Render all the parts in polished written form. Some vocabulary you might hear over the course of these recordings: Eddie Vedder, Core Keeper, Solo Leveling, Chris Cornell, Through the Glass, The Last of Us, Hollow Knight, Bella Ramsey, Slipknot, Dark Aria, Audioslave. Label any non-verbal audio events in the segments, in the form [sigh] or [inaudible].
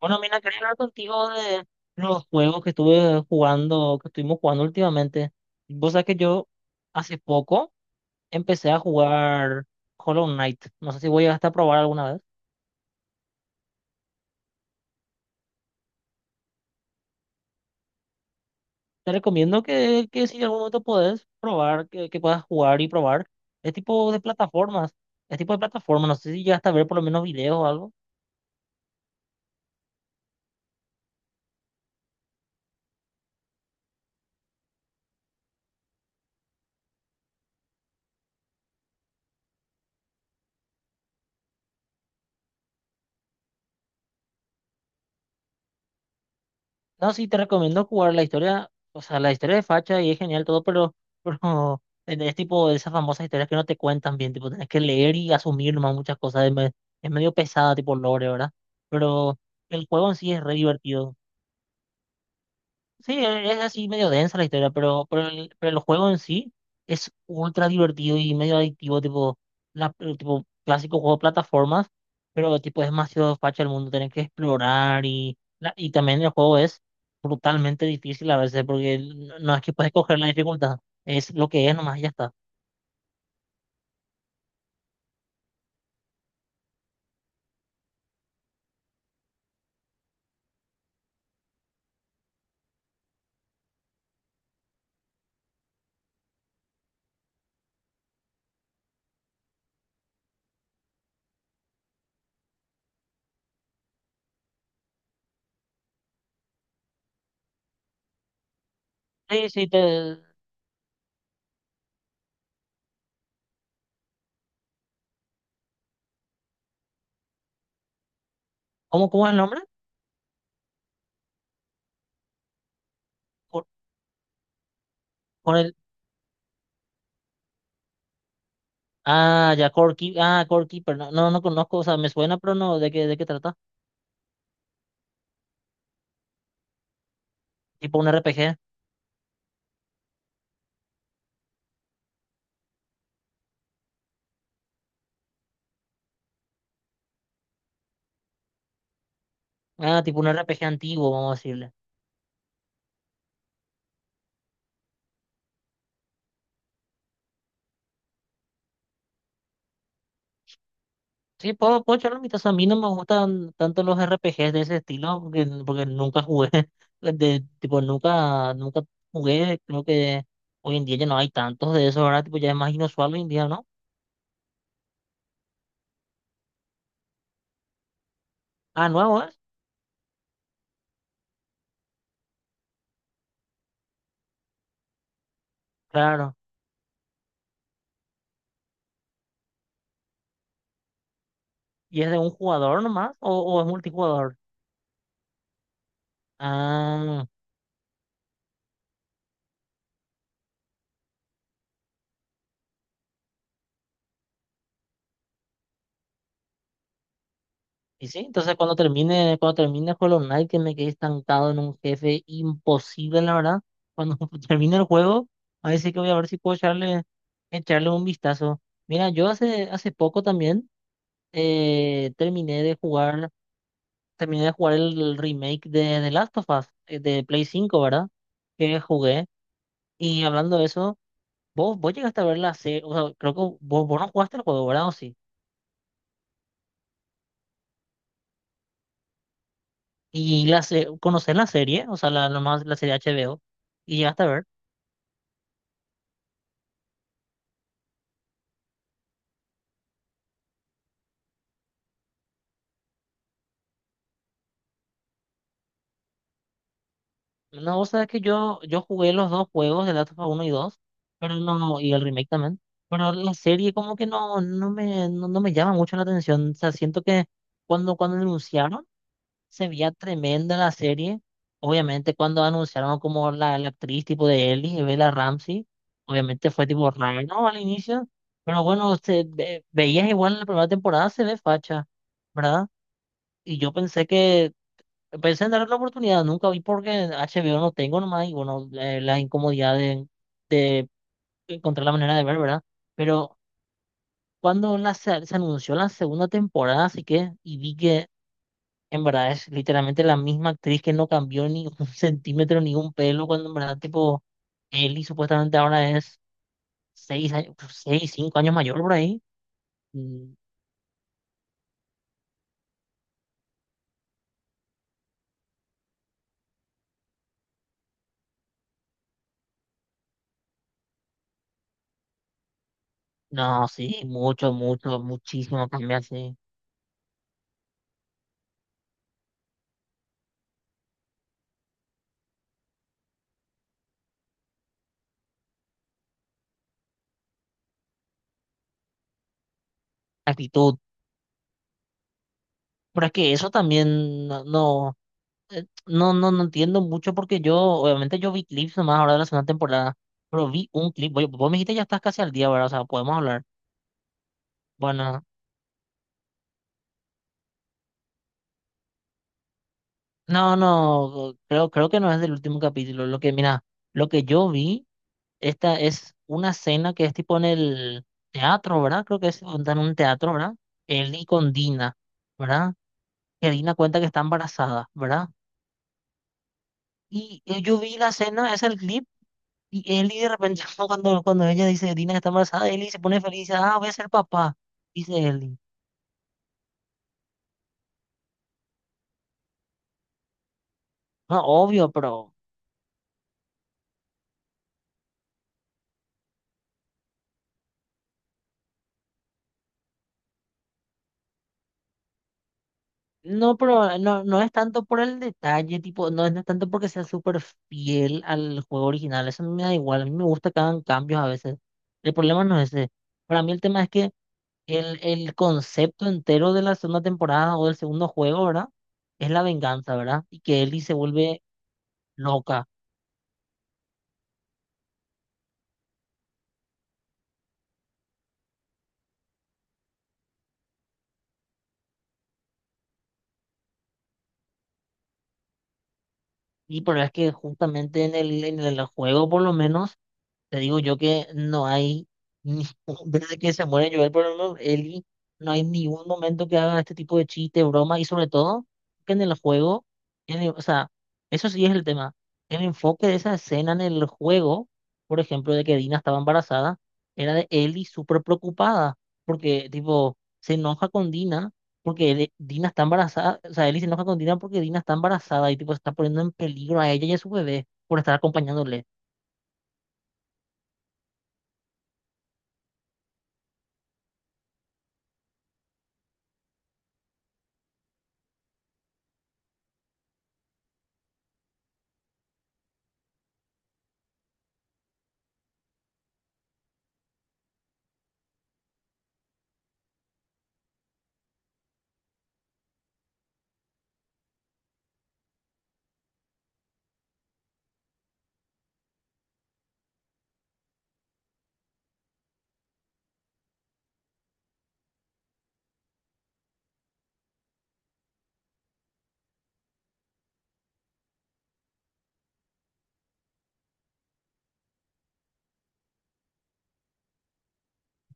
Bueno, mira, quería hablar contigo de los juegos que estuve jugando, que estuvimos jugando últimamente. Vos sabés que yo hace poco empecé a jugar Hollow Knight. No sé si voy a probar alguna vez. Te recomiendo que, si en algún momento podés probar, que puedas jugar y probar. Es tipo de plataformas. Es tipo de plataformas. No sé si llegaste a ver por lo menos videos o algo. No, sí, te recomiendo jugar la historia, o sea, la historia de Facha y es genial todo, pero, [laughs] pero es tipo de esas famosas historias que no te cuentan bien, tipo, tenés que leer y asumir nomás muchas cosas, es medio pesada, tipo lore, ¿verdad? Pero el juego en sí es re divertido. Sí, es así medio densa la historia, pero el juego en sí es ultra divertido y medio adictivo, tipo, el tipo clásico juego de plataformas, pero tipo es demasiado facha el mundo, tenés que explorar y y también el juego es brutalmente difícil a veces porque no es que puedes escoger la dificultad, es lo que es nomás y ya está. Sí, sí, te, ¿Cómo, es el nombre? Cor- Con el, ah, ya, ah, Core Keeper, no, no, no conozco, o sea, me suena, pero no, ¿de qué, trata? Tipo un RPG. Ah, tipo un R P G antiguo, vamos a decirle. Sí, puedo echar la mitad. A mí no me gustan tanto los R P Gs de ese estilo porque, nunca jugué. [laughs] De, tipo, nunca jugué. Creo que hoy en día ya no hay tantos de esos, ¿verdad? Tipo, ya es más inusual hoy en día, ¿no? Ah, nuevo es. Claro. ¿Y es de un jugador nomás o es multijugador? Ah. Y sí, entonces cuando termine, Hollow Knight, que me quedé estancado en un jefe imposible, la verdad. Cuando [laughs] termine el juego, a ver si que voy a ver si puedo echarle, echarle un vistazo. Mira, yo hace, poco también terminé de jugar, el remake de The Last of Us, de Play 5, ¿verdad? Que jugué. Y hablando de eso, vos, llegaste a ver la serie, o sea, creo que vos, no jugaste el juego, ¿verdad? ¿O sí? Y conocés la serie, o sea, la, nomás la serie HBO, y llegaste a ver. No, vos sabés que yo, jugué los dos juegos, el Last of Us 1 y dos, pero no, y el remake también. Pero la serie como que no, no me, no, no me llama mucho la atención. O sea, siento que cuando, anunciaron, se veía tremenda la serie. Obviamente cuando anunciaron como la actriz tipo de Ellie, Bella Ramsey, obviamente fue tipo raro, ¿no? Al inicio. Pero bueno, veías igual en la primera temporada, se ve facha, ¿verdad? Y yo pensé en darle la oportunidad, nunca vi porque HBO no tengo nomás y bueno, la incomodidad de, de encontrar la manera de ver, ¿verdad? Pero cuando se anunció la segunda temporada, así que, y vi que en verdad es literalmente la misma actriz que no cambió ni [laughs] un centímetro ni un pelo, cuando en verdad tipo Ellie supuestamente ahora es 6 años, seis, 5 años mayor por ahí. Mm. No, sí, mucho, mucho, muchísimo cambia, sí, actitud. Pero es que eso también no, no, no entiendo mucho porque yo, obviamente yo vi clips nomás ahora de la segunda temporada, pero vi un clip. Oye, vos me dijiste ya estás casi al día, ¿verdad? O sea, podemos hablar. Bueno, no, no, creo, que no es del último capítulo. Lo que, mira, lo que yo vi, esta es una escena que es tipo en el teatro, ¿verdad? Creo que es en un teatro, ¿verdad? Él y con Dina, ¿verdad? Que Dina cuenta que está embarazada, ¿verdad? Y yo vi la escena, es el clip. Y Eli de repente, [laughs] cuando, ella dice, Dina que está embarazada, Eli se pone feliz y dice, ah, voy a ser papá, dice Eli. No, obvio, pero no, no es tanto por el detalle, tipo, no es tanto porque sea súper fiel al juego original, eso a mí me da igual, a mí me gusta que hagan cambios a veces. El problema no es ese. Para mí el tema es que el concepto entero de la segunda temporada o del segundo juego, ¿verdad? Es la venganza, ¿verdad? Y que Ellie se vuelve loca. Y pero es que justamente en en el juego, por lo menos. Te digo yo que no hay, ni- [laughs] desde que se muere Joel por Eli, no hay ningún momento que hagan este tipo de chiste, broma, y sobre todo que en el juego, o sea, eso sí es el tema. El enfoque de esa escena en el juego, por ejemplo, de que Dina estaba embarazada, era de Ellie súper preocupada, porque, tipo, se enoja con Dina, porque Dina está embarazada, o sea, Ellie se enoja con Dina porque Dina está embarazada y, tipo, se está poniendo en peligro a ella y a su bebé por estar acompañándole.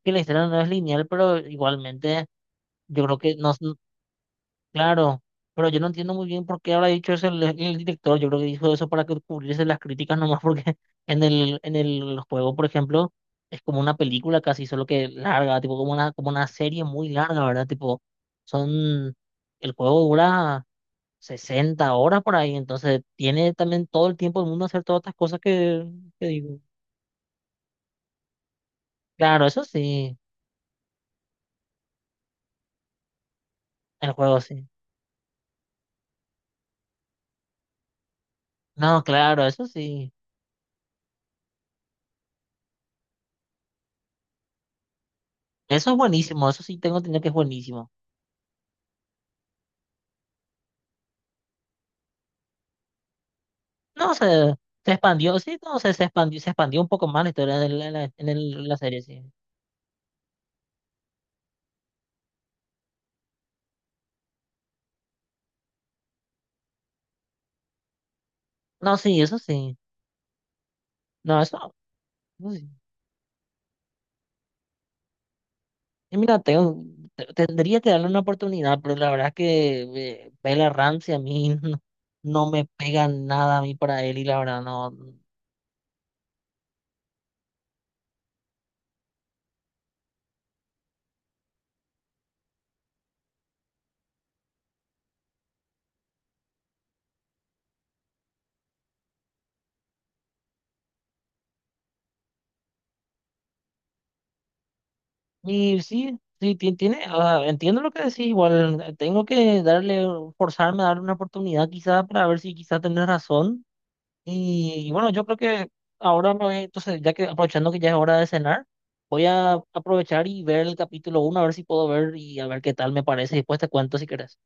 Que la historia no es lineal, pero igualmente yo creo que claro, pero yo no entiendo muy bien por qué habrá dicho eso el director, yo creo que dijo eso para que cubrirse las críticas nomás porque [laughs] en en el juego, por ejemplo, es como una película casi, solo que larga, tipo como una serie muy larga, ¿verdad? Tipo, son, el juego dura 60 horas por ahí, entonces tiene también todo el tiempo del mundo hacer todas estas cosas que digo. Claro, eso sí, el juego sí. No, claro, eso sí. Eso es buenísimo, eso sí tengo entendido que es buenísimo. No, se expandió, sí, no, se expandió un poco más la historia de la serie, sí. No, sí, eso sí. No, eso, no, eso sí. Y mira, tendría que darle una oportunidad, pero la verdad es que Bella Ramsey a mí [laughs] no, no me pega nada a mí para él y la verdad no. Y sí, sí, tiene, ah, entiendo lo que decís, igual tengo que darle, forzarme a darle una oportunidad quizá para ver si quizá tenés razón. Y bueno, yo creo que ahora me voy, entonces, ya que aprovechando que ya es hora de cenar, voy a aprovechar y ver el capítulo 1 a ver si puedo ver y a ver qué tal me parece. Y después te cuento si querés.